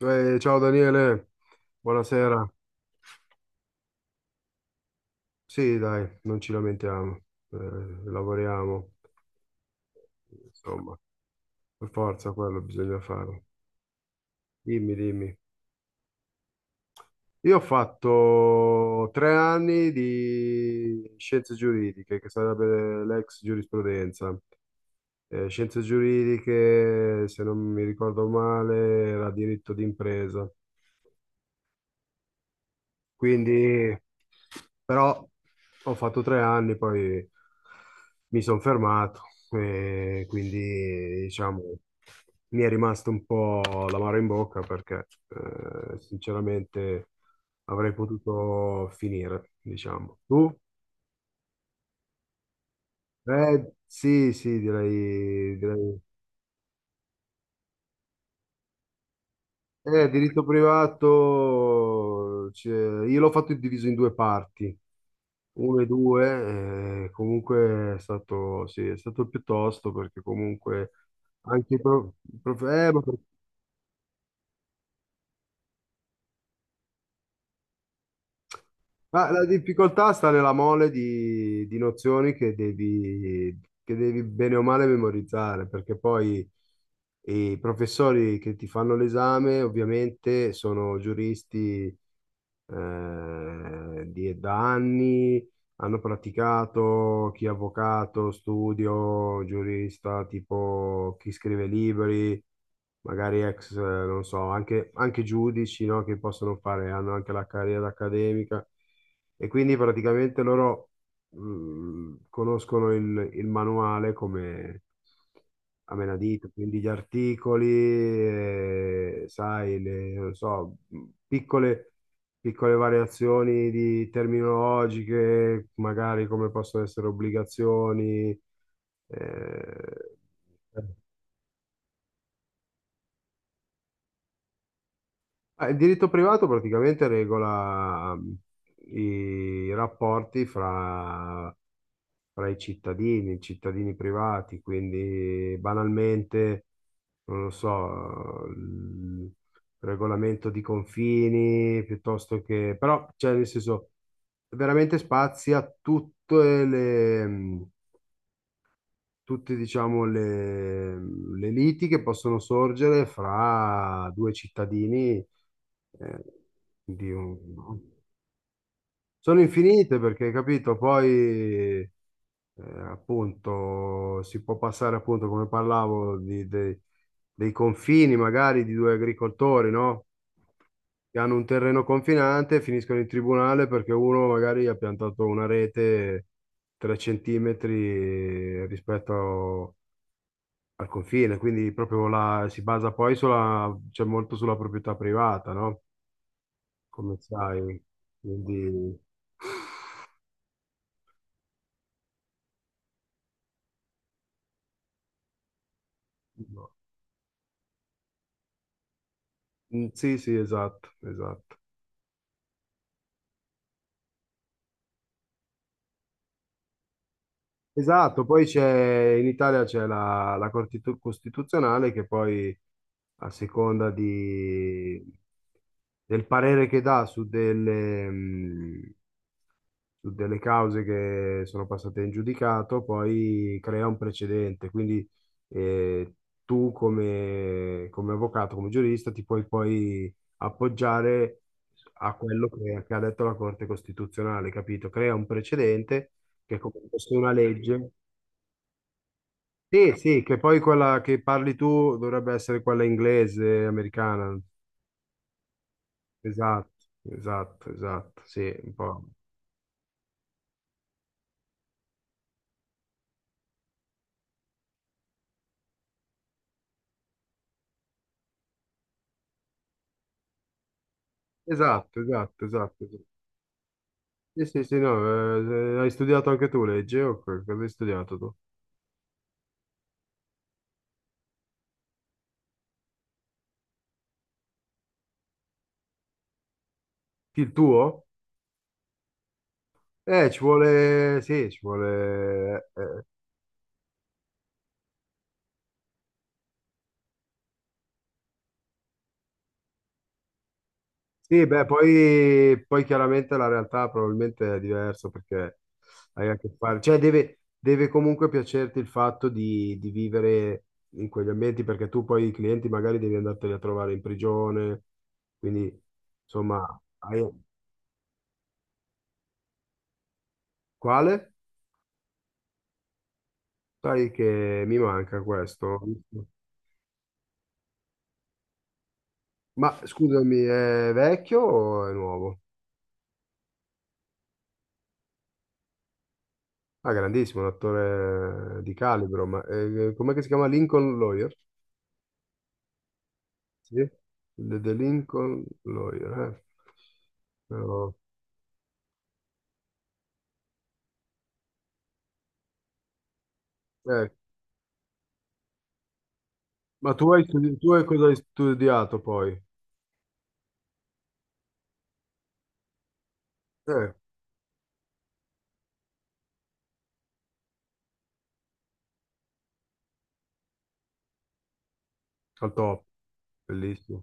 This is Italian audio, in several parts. Ciao Daniele, buonasera. Sì, dai, non ci lamentiamo, lavoriamo, insomma, per forza quello bisogna fare. Dimmi, dimmi. Io ho fatto 3 anni di scienze giuridiche, che sarebbe l'ex giurisprudenza. Scienze giuridiche, se non mi ricordo male, era diritto d'impresa. Quindi, però ho fatto 3 anni, poi mi sono fermato e quindi, diciamo, mi è rimasto un po' l'amaro in bocca perché, sinceramente, avrei potuto finire, diciamo. Tu? Sì, sì, direi, direi. Diritto privato, cioè, io l'ho fatto diviso in due parti, 1-2, comunque è stato, sì, è stato piuttosto perché comunque anche i pro- prof- ma per- ma la difficoltà sta nella mole di nozioni che devi, bene o male memorizzare, perché poi i professori che ti fanno l'esame ovviamente sono giuristi, da anni hanno praticato, chi è avvocato, studio, giurista, tipo chi scrive libri, magari ex, non so, anche giudici, no, che possono fare, hanno anche la carriera accademica, e quindi praticamente loro conoscono il manuale come a menadito, quindi gli articoli, sai, le, non so, piccole piccole variazioni di terminologiche, magari come possono essere obbligazioni. eh. Ah, il diritto privato praticamente regola i rapporti fra i cittadini privati, quindi banalmente non lo so, il regolamento di confini, piuttosto che, però, cioè, nel senso, veramente spazia tutte, diciamo, le liti che possono sorgere fra due cittadini, eh, di un- Sono infinite perché, capito, poi appunto, si può passare appunto, come parlavo, dei confini magari di due agricoltori, no? Che hanno un terreno confinante e finiscono in tribunale perché uno magari ha piantato una rete 3 centimetri rispetto al confine, quindi proprio si basa poi sulla, cioè molto sulla proprietà privata, no? Come sai, quindi. No. Mm, sì, sì, esatto, esatto. Esatto, poi c'è in Italia c'è la Corte Costituzionale che poi a seconda del parere che dà su delle cause che sono passate in giudicato, poi crea un precedente. Quindi eh, tu come, avvocato, come giurista, ti puoi poi appoggiare a quello che, ha detto la Corte Costituzionale, capito? Crea un precedente che è come se fosse una legge. Sì, sì, che poi quella che parli tu dovrebbe essere quella inglese, americana. Esatto, esatto, esatto, sì, un po'. Esatto, esatto, esatto. Esatto. Sì, sì, sì, no, hai studiato anche tu legge o cosa hai studiato tu? Il tuo? Ci vuole, sì, ci vuole. Sì, beh, poi, chiaramente la realtà probabilmente è diversa perché hai a che fare, cioè deve, comunque piacerti il fatto di vivere in quegli ambienti perché tu poi i clienti magari devi andarteli a trovare in prigione, quindi insomma. hai... Quale? Sai che mi manca questo. Ma scusami, è vecchio o è nuovo? Ah, grandissimo, un attore di calibro, ma com'è che si chiama? Lincoln Lawyer? Sì. The Lincoln Lawyer. Però- eh, Ma tu hai cosa hai studiato poi? Eh, al top, bellissimo.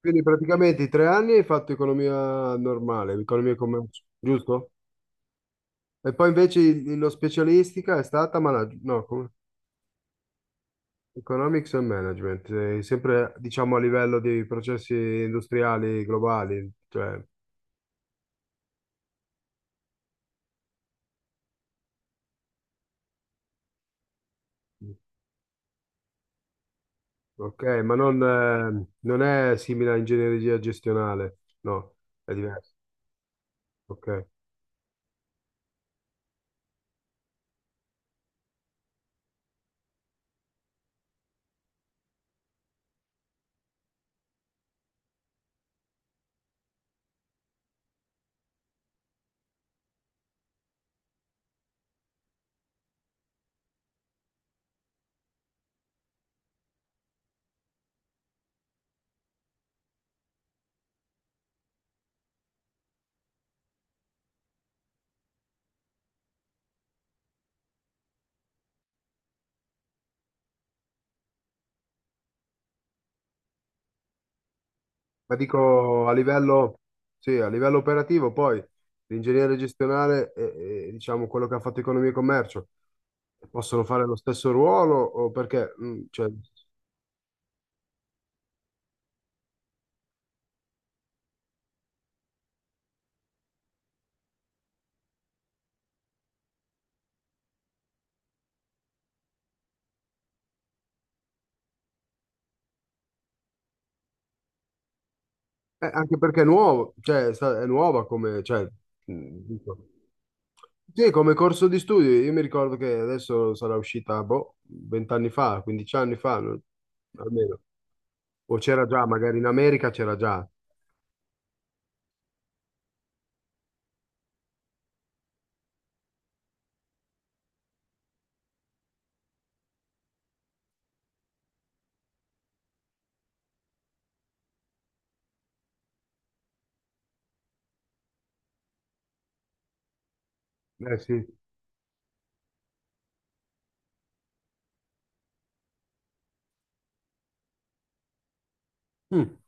Quindi praticamente i 3 anni hai fatto economia normale, economia e commercio, giusto? E poi invece lo specialistica è stata no, Economics and Management, sempre diciamo a livello di processi industriali globali, cioè. Ok, ma non è simile a ingegneria gestionale, no, è diverso. Ok. Ma dico a livello, sì, a livello operativo, poi l'ingegnere gestionale diciamo quello che ha fatto economia e commercio possono fare lo stesso ruolo o perché, cioè, anche perché è nuovo, cioè, è nuova come, cioè, dico. Sì, come corso di studio, io mi ricordo che adesso sarà uscita, boh, 20 anni fa, 15 anni fa, no? Almeno. O c'era già, magari in America c'era già. Eh sì, mm.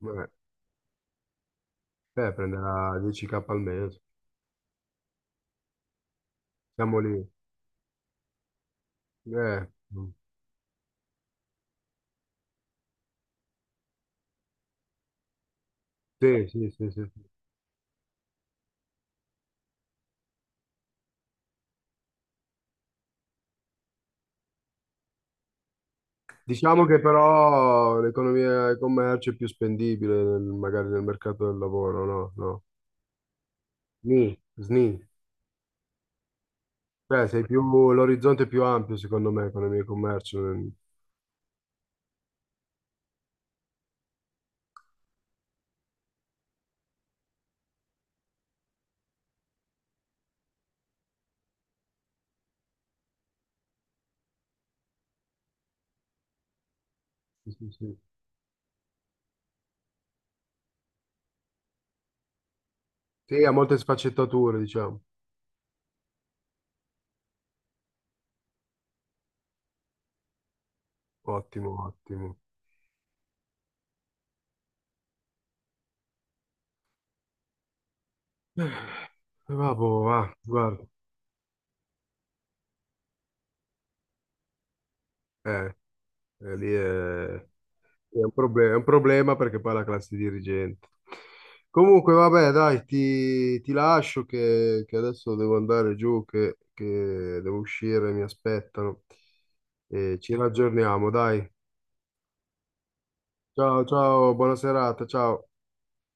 Vabbè, prenderà 10K al mese. Siamo lì. Eh, mm. Sì, sì, sì, sì. Sì. Diciamo che però l'economia e il commercio è più spendibile magari nel mercato del lavoro, no? No. Sni, sni. Cioè, l'orizzonte è più ampio, secondo me, economia e commercio. Sì, sì, sì. Sì, ha molte sfaccettature, diciamo. Ottimo, ottimo. Eh, Vabbò, va, guarda. Eh, lì è. Sì, è un problema, è un problema perché poi è la classe dirigente. Comunque, vabbè, dai, ti lascio che adesso devo andare giù, che devo uscire, mi aspettano. E ci raggiorniamo, dai. Ciao, ciao, buona serata, ciao.